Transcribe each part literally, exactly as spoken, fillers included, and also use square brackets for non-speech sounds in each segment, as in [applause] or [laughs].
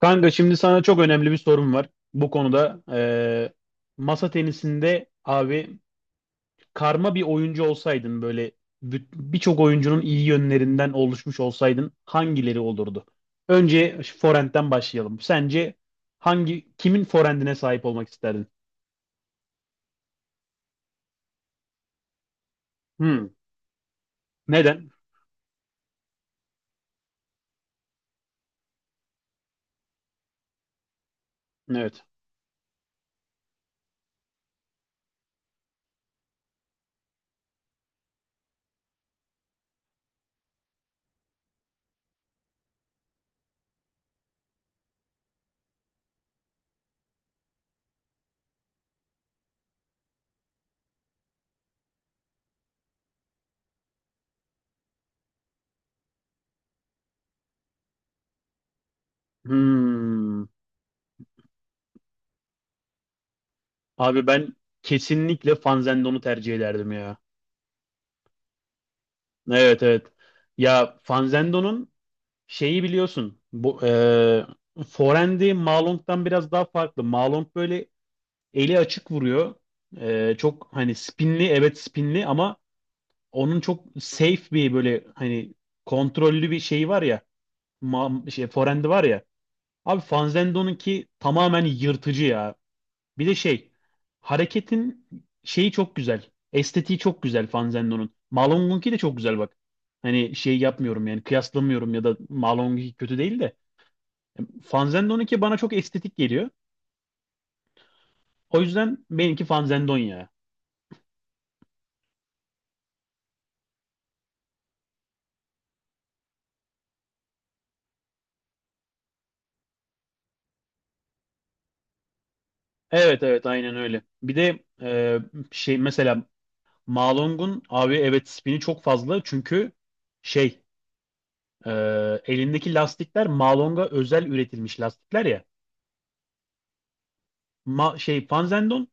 Kanka şimdi sana çok önemli bir sorum var. Bu konuda eee, masa tenisinde abi karma bir oyuncu olsaydın böyle bü- birçok oyuncunun iyi yönlerinden oluşmuş olsaydın hangileri olurdu? Önce şu forehand'den başlayalım. Sence hangi kimin forehand'ine sahip olmak isterdin? Hmm. Neden? Evet. Hmm. Abi ben kesinlikle Fanzendon'u tercih ederdim ya. Evet, evet. Ya Fanzendo'nun şeyi biliyorsun. Bu e, forehand'i Malong'dan biraz daha farklı. Malong böyle eli açık vuruyor. E, çok hani spinli, evet spinli, ama onun çok safe bir böyle hani kontrollü bir şeyi var ya. Ma, şey forehand'i var ya. Abi Fanzendo'nunki tamamen yırtıcı ya. Bir de şey hareketin şeyi çok güzel. Estetiği çok güzel Fanzendo'nun. Malong'unki de çok güzel bak. Hani şey yapmıyorum, yani kıyaslamıyorum ya da Malong'unki kötü değil de. Fanzendon iki bana çok estetik geliyor. O yüzden benimki Fanzendon ya. Evet, evet, aynen öyle. Bir de e, şey mesela Malong'un abi evet spini çok fazla çünkü şey e, elindeki lastikler Malong'a özel üretilmiş lastikler ya. Ma, şey Fanzendon,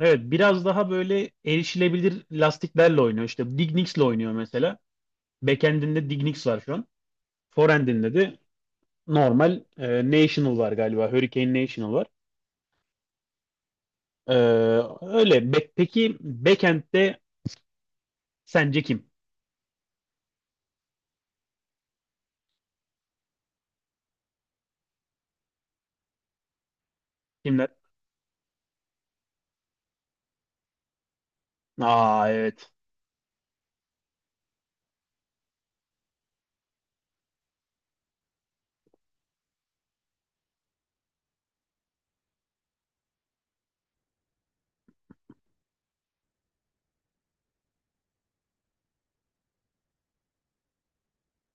evet, biraz daha böyle erişilebilir lastiklerle oynuyor. İşte Dignics'le oynuyor mesela. Backend'inde Dignics var şu an. Foreend'inde de normal e, National var galiba. Hurricane National var. Ee, Öyle. Be- peki backend'de sence kim? Kimler? Aa, evet.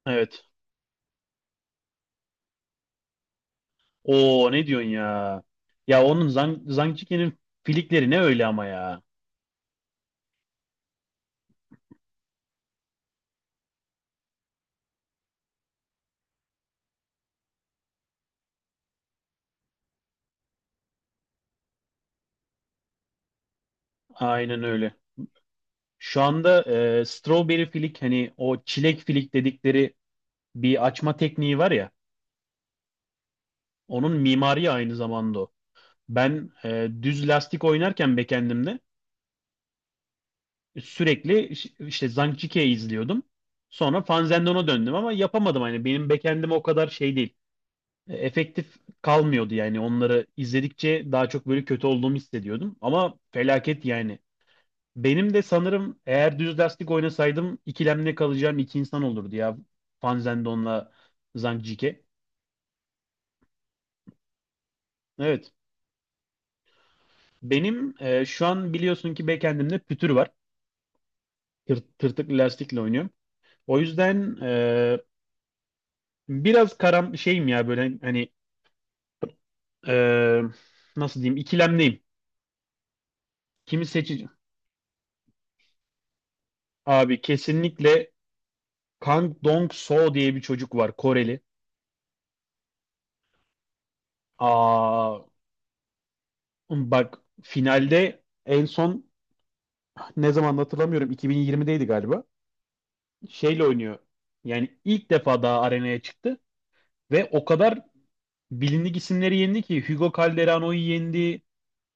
Evet. Oo, ne diyorsun ya? Ya onun Zang Zangçiki'nin filikleri ne öyle ama ya. Aynen öyle. Şu anda e, strawberry filik, hani o çilek filik dedikleri bir açma tekniği var ya. Onun mimari aynı zamanda o. Ben e, düz lastik oynarken backend'imde sürekli işte Zhangjiako'yu izliyordum. Sonra Fanzendon'a döndüm ama yapamadım. Hani benim backend'im o kadar şey değil. E, Efektif kalmıyordu, yani onları izledikçe daha çok böyle kötü olduğumu hissediyordum. Ama felaket yani. Benim de sanırım eğer düz lastik oynasaydım ikilemde kalacağım iki insan olurdu ya. Fanzendon'la Zhangjiakow. Evet. Benim e, şu an biliyorsun ki backend'imde pütür var. Tır, tırtıklı lastikle oynuyorum. O yüzden e, biraz karam şeyim ya böyle hani Ee, nasıl diyeyim ikilemdeyim. Kimi seçeceğim? Abi kesinlikle Kang Dong-soo diye bir çocuk var, Koreli. Aa, bak finalde en son ne zaman hatırlamıyorum, iki bin yirmideydi galiba. Şeyle oynuyor. Yani ilk defa daha arenaya çıktı ve o kadar bilindik isimleri yendi ki Hugo Calderano'yu yendi,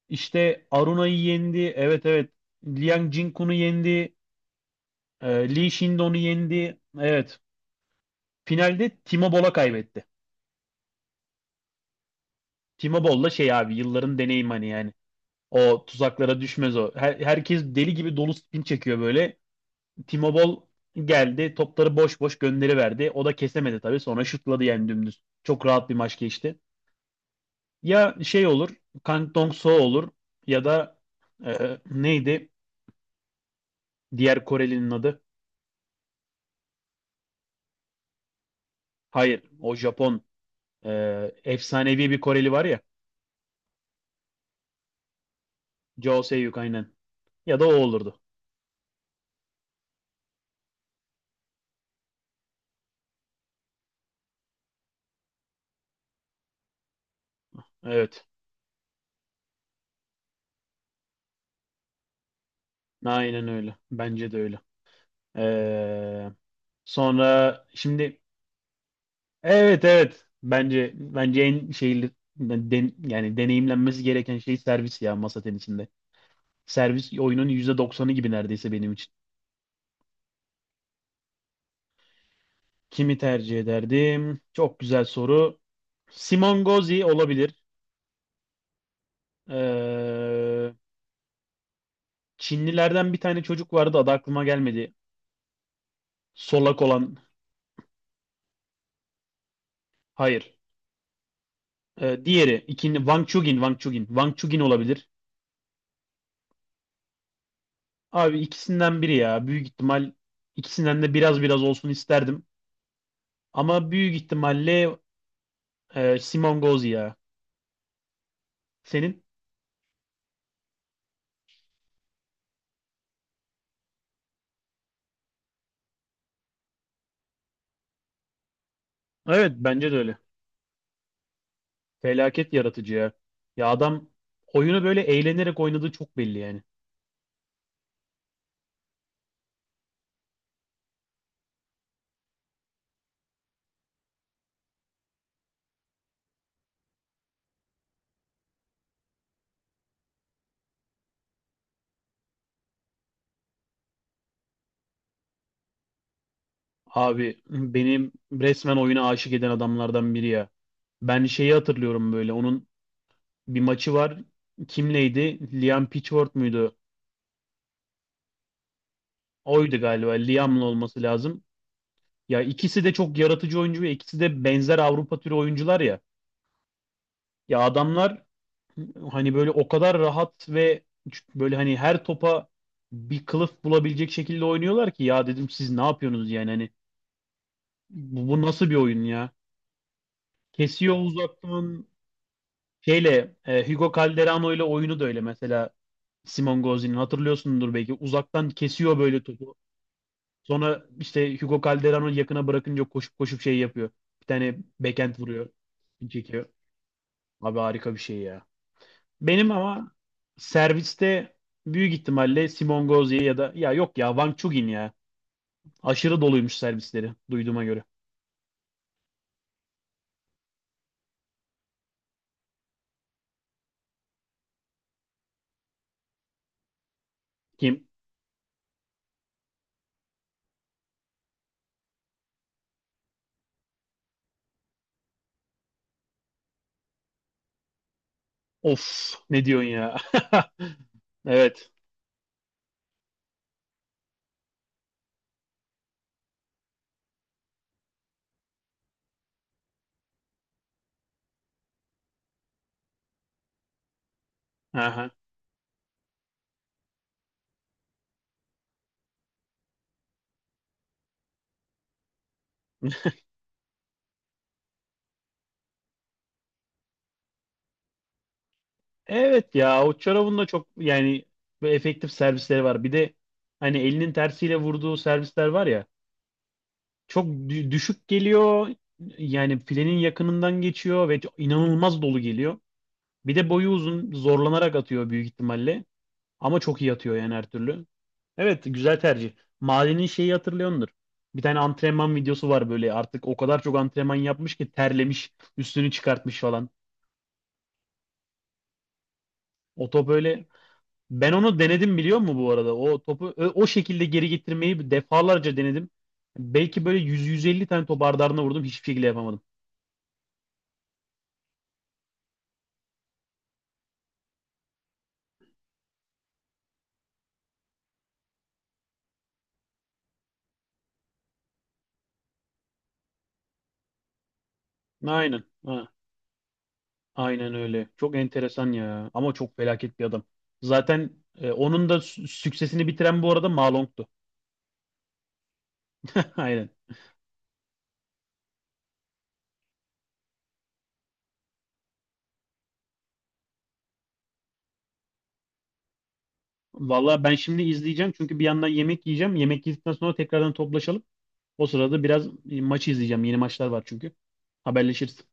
işte Aruna'yı yendi. Evet, evet. Liang Jingkun'u yendi. e, Lee Shindon'u yendi. Evet. Finalde Timo Boll'a kaybetti. Timo Boll'la şey abi yılların deneyim hani yani. O tuzaklara düşmez o. Her- herkes deli gibi dolu spin çekiyor böyle. Timo Boll geldi topları boş boş gönderiverdi. O da kesemedi tabii, sonra şutladı yani dümdüz. Çok rahat bir maç geçti. Ya şey olur, Kang Dong-soo olur ya da e, neydi diğer Korelinin adı? Hayır, o Japon. e, Efsanevi bir Koreli var ya. Jo Se-hyuk, aynen. Ya da o olurdu. Evet aynen öyle. Bence de öyle. Ee, Sonra şimdi, evet evet, bence bence en şeyli den- yani deneyimlenmesi gereken şey servis ya masa tenisinde. Servis oyunun yüzde doksanı gibi neredeyse benim için. Kimi tercih ederdim? Çok güzel soru. Simon Gozi olabilir. Ee, Çinlilerden bir tane çocuk vardı, adı aklıma gelmedi. Solak olan. Hayır. Ee, diğeri ikinci Wang Chugin, Wang Chugin. Wang Chugin olabilir. Abi ikisinden biri ya. Büyük ihtimal ikisinden de biraz biraz olsun isterdim. Ama büyük ihtimalle e, Simon Gauzy ya. Senin? Evet bence de öyle. Felaket yaratıcı ya. Ya adam oyunu böyle eğlenerek oynadığı çok belli yani. Abi benim resmen oyuna aşık eden adamlardan biri ya. Ben şeyi hatırlıyorum böyle. Onun bir maçı var. Kimleydi, Liam Pitchford muydu? Oydu galiba. Liam'la olması lazım. Ya ikisi de çok yaratıcı oyuncu ve ikisi de benzer Avrupa türü oyuncular ya. Ya adamlar hani böyle o kadar rahat ve böyle hani her topa bir kılıf bulabilecek şekilde oynuyorlar ki ya dedim siz ne yapıyorsunuz yani hani bu, bu nasıl bir oyun ya? Kesiyor uzaktan. Şeyle e, Hugo Calderano ile oyunu da öyle mesela. Simon Gauzy'nin hatırlıyorsundur belki uzaktan kesiyor böyle topu. Sonra işte Hugo Calderano yakına bırakınca koşup koşup şey yapıyor. Bir tane backhand vuruyor. Çekiyor. Abi harika bir şey ya. Benim ama serviste büyük ihtimalle Simon Gauzy ya da ya yok ya Wang Chugin ya. Aşırı doluymuş servisleri duyduğuma göre. Kim? Of, ne diyorsun ya? [laughs] Evet. Aha. Evet ya, o çorabın da çok yani böyle efektif servisleri var. Bir de hani elinin tersiyle vurduğu servisler var ya, çok dü- düşük geliyor. Yani filenin yakınından geçiyor ve çok- inanılmaz dolu geliyor. Bir de boyu uzun, zorlanarak atıyor büyük ihtimalle. Ama çok iyi atıyor yani her türlü. Evet, güzel tercih. Mahallenin şeyi hatırlıyordur. Bir tane antrenman videosu var böyle, artık o kadar çok antrenman yapmış ki terlemiş, üstünü çıkartmış falan. O top öyle. Ben onu denedim biliyor musun bu arada? O topu ö- o şekilde geri getirmeyi defalarca denedim. Belki böyle yüz, yüz elli tane top ardı ardına vurdum. Hiçbir şekilde yapamadım. Aynen. Ha, aynen öyle. Çok enteresan ya. Ama çok felaket bir adam. Zaten e, onun da sü- süksesini bitiren bu arada Ma. [laughs] Aynen. Vallahi ben şimdi izleyeceğim, çünkü bir yandan yemek yiyeceğim. Yemek yedikten sonra tekrardan toplaşalım. O sırada biraz e, maçı izleyeceğim. Yeni maçlar var çünkü. Haberleşiriz.